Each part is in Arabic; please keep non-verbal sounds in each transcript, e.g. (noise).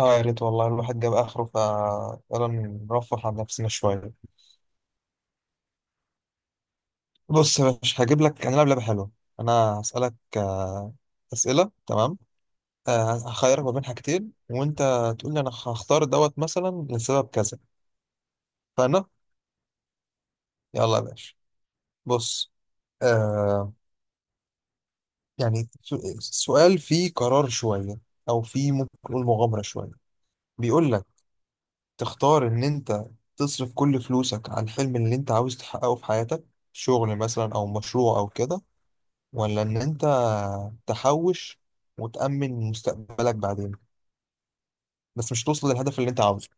اه، يا ريت والله الواحد جاب اخره فيلا. نرفه عن نفسنا شويه. بص يا باشا، هجيب لك انا لعب لعبه حلوه. انا هسالك اسئله، تمام؟ هخيرك ما بين حاجتين، وانت تقول لي انا هختار دوت مثلا لسبب كذا. فانا يلا يا باشا. بص. آه يعني سؤال فيه قرار شويه، او فيه ممكن نقول مغامره شويه. بيقول لك تختار ان انت تصرف كل فلوسك على الحلم اللي انت عاوز تحققه في حياتك، شغل مثلا او مشروع او كده، ولا ان انت تحوش وتأمن مستقبلك بعدين، بس مش توصل للهدف اللي انت عاوزه.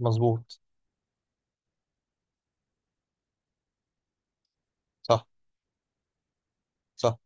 مظبوط. صح، صح.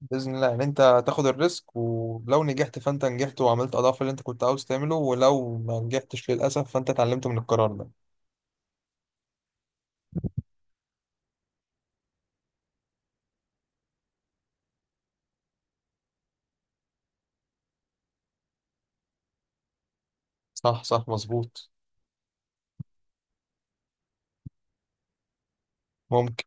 بإذن الله ان انت تاخد الريسك، ولو نجحت فانت نجحت وعملت اضعاف اللي انت كنت عاوز تعمله، ولو ما نجحتش للأسف فانت اتعلمت من القرار ده. صح، صح، مظبوط. ممكن.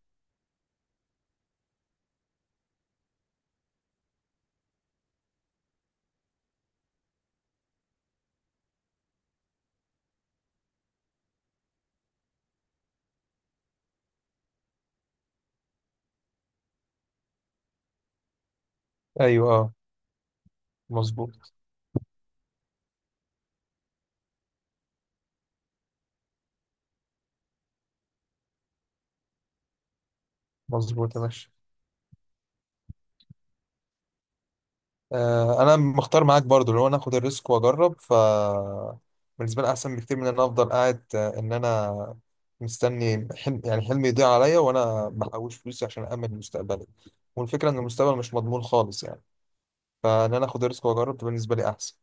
ايوه، اه. مظبوط مظبوط يا باشا. انا مختار معاك برضو اللي هو ناخد الريسك واجرب. بالنسبه لي احسن بكتير من ان انا افضل قاعد، ان انا مستني حلم، يعني حلمي يضيع عليا وانا بحوش فلوسي عشان امن مستقبلي. والفكره ان المستقبل مش مضمون خالص يعني. فان انا اخد الريسك واجرب ده بالنسبه لي احسن.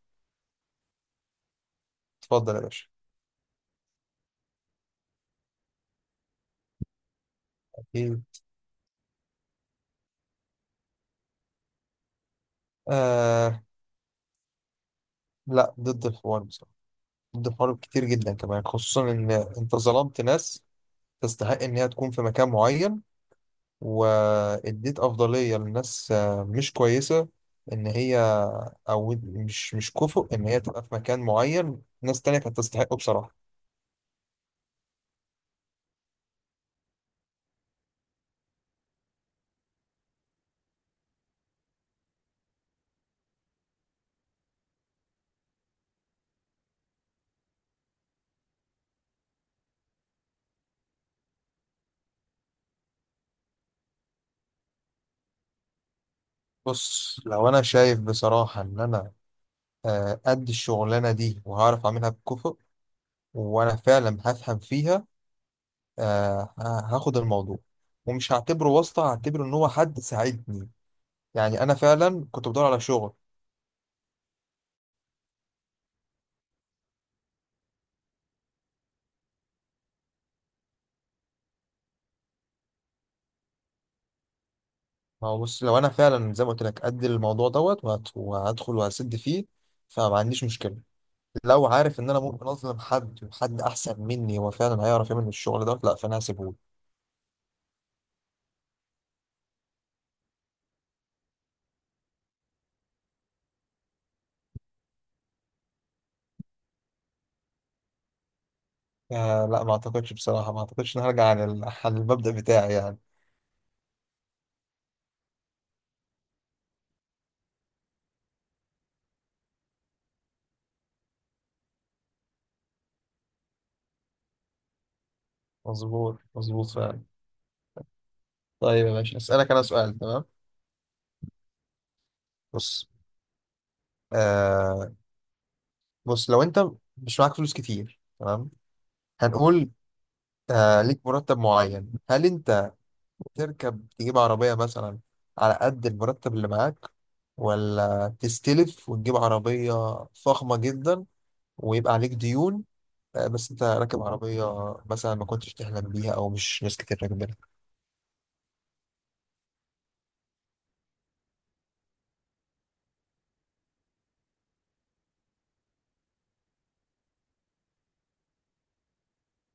اتفضل يا باشا. ايه. آه، لا ضد الحوار بصراحه. ضد الحوار كتير جدا كمان، خصوصا ان انت ظلمت ناس تستحق ان هي تكون في مكان معين، واديت افضليه لناس مش كويسه، ان هي او مش كفؤ ان هي تبقى في مكان معين، ناس تانية كانت تستحقه بصراحه. بص لو انا شايف بصراحه ان انا قد الشغلانه دي وهعرف اعملها بكفؤ، وانا فعلا هفهم فيها. هاخد الموضوع ومش هعتبره واسطه، هعتبره ان هو حد ساعدني. يعني انا فعلا كنت بدور على شغل. ما هو بص، لو انا فعلا زي ما قلت لك قد الموضوع دوت وهدخل وهسد فيه، فما عنديش مشكله. لو عارف ان انا ممكن اظلم حد، وحد احسن مني هو فعلا هيعرف يعمل الشغل ده، لا فانا هسيبهوله. آه، لا ما اعتقدش بصراحه، ما اعتقدش ان هرجع عن عن المبدأ بتاعي يعني. مظبوط مظبوط فعلا. طيب يا باشا، اسالك انا سؤال، تمام؟ بص آه بص لو انت مش معاك فلوس كتير، تمام، هنقول ليك مرتب معين، هل انت تركب تجيب عربيه مثلا على قد المرتب اللي معاك، ولا تستلف وتجيب عربيه فخمه جدا ويبقى عليك ديون، بس انت راكب عربية مثلا ما كنتش تحلم بيها او مش ناس كتير راكبينها؟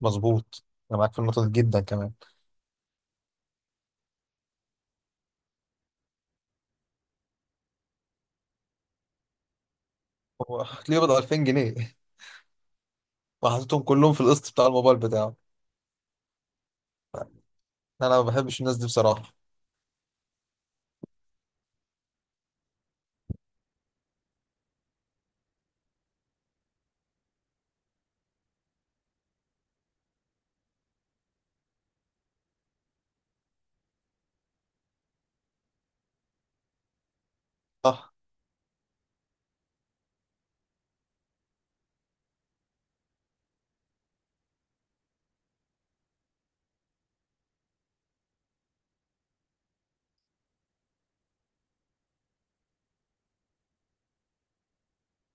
مظبوط، انا معاك في النقطة دي جدا كمان. هو هتلاقيه بضع 2000 جنيه (laughs) وحطيتهم كلهم في القسط بتاع الموبايل بتاعه. انا ما بحبش الناس دي بصراحة. صح.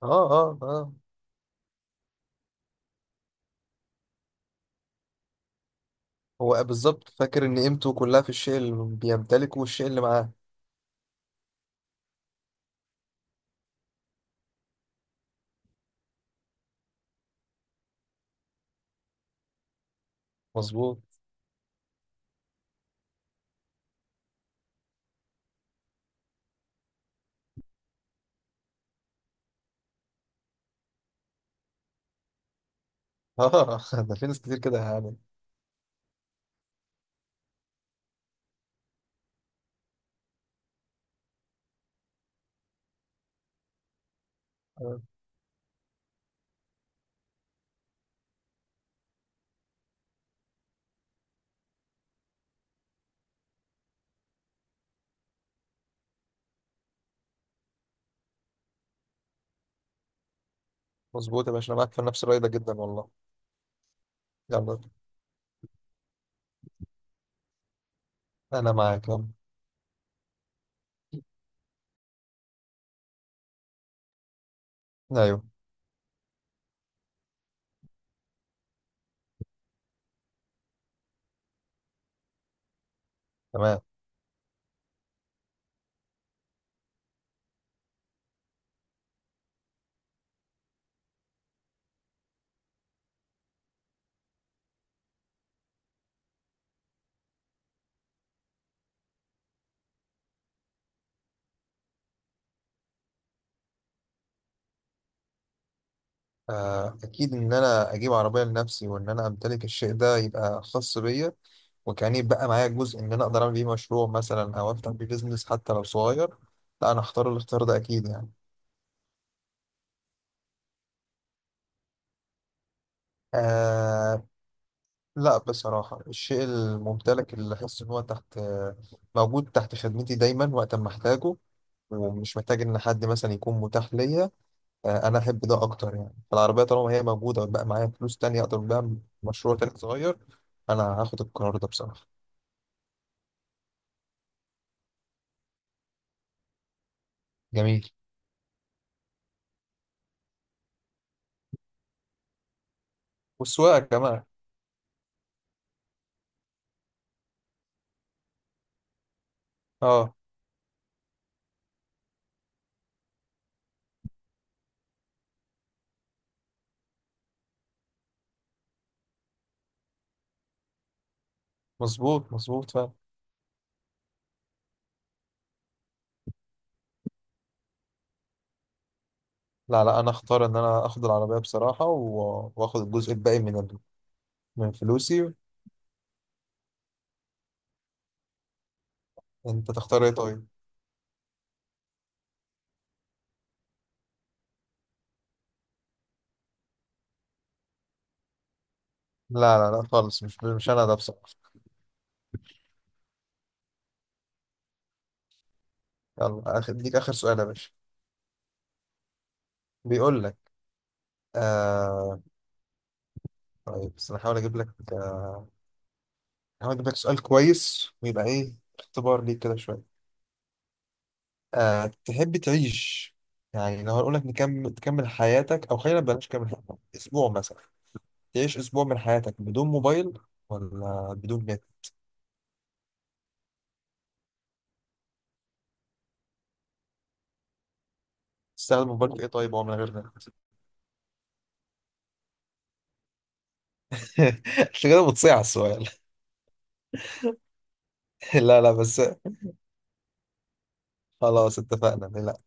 اه، اه، اه. هو بالظبط فاكر ان قيمته كلها في الشيء اللي بيمتلكه والشيء اللي معاه. مظبوط. اه (laughs) ده في ناس كتير كده يعني. آه، مظبوط يا باشا، انا معاك في نفس الرأي ده جدا والله. يلا، انا معاك، يلا. ايوه، تمام. آه، أكيد إن أنا أجيب عربية لنفسي وإن أنا أمتلك الشيء ده يبقى خاص بيا، وكأني يبقى معايا جزء إن أنا أقدر أعمل بيه مشروع مثلا أو أفتح بيه بيزنس حتى لو صغير. لا، أنا هختار الاختيار ده أكيد يعني. آه، لا بصراحة الشيء الممتلك اللي أحس إن هو تحت، موجود تحت خدمتي دايما وقت ما أحتاجه، ومش محتاج إن حد مثلا يكون متاح ليا. أنا أحب ده أكتر يعني. فالعربية طالما هي موجودة ويبقى معايا فلوس تانية أقدر بقى مشروع تاني صغير. أنا هاخد القرار ده بصراحة. جميل. والسواقة كمان. اه، مظبوط مظبوط فعلا. لا، لا، انا اختار ان انا اخد العربية بصراحة واخد الجزء الباقي من من فلوسي. انت تختار ايه طيب؟ لا، لا، لا، خالص. مش انا ده بصراحة. يلا ديك اخر سؤال يا باشا. بيقول لك آه... طيب، بس انا هحاول اجيب لك سؤال كويس ويبقى ايه اختبار ليك كده شوية. تحب تعيش، يعني لو هقول لك تكمل حياتك، او خلينا بلاش، كمل حياتك اسبوع مثلا، تعيش اسبوع من حياتك بدون موبايل، ولا بدون نت؟ تستخدم موبايل في ايه طيب هو من غير نت؟ (laughs) مش كده بتصيع السؤال. (laughs) لا، لا، بس. خلاص، اتفقنا. لا.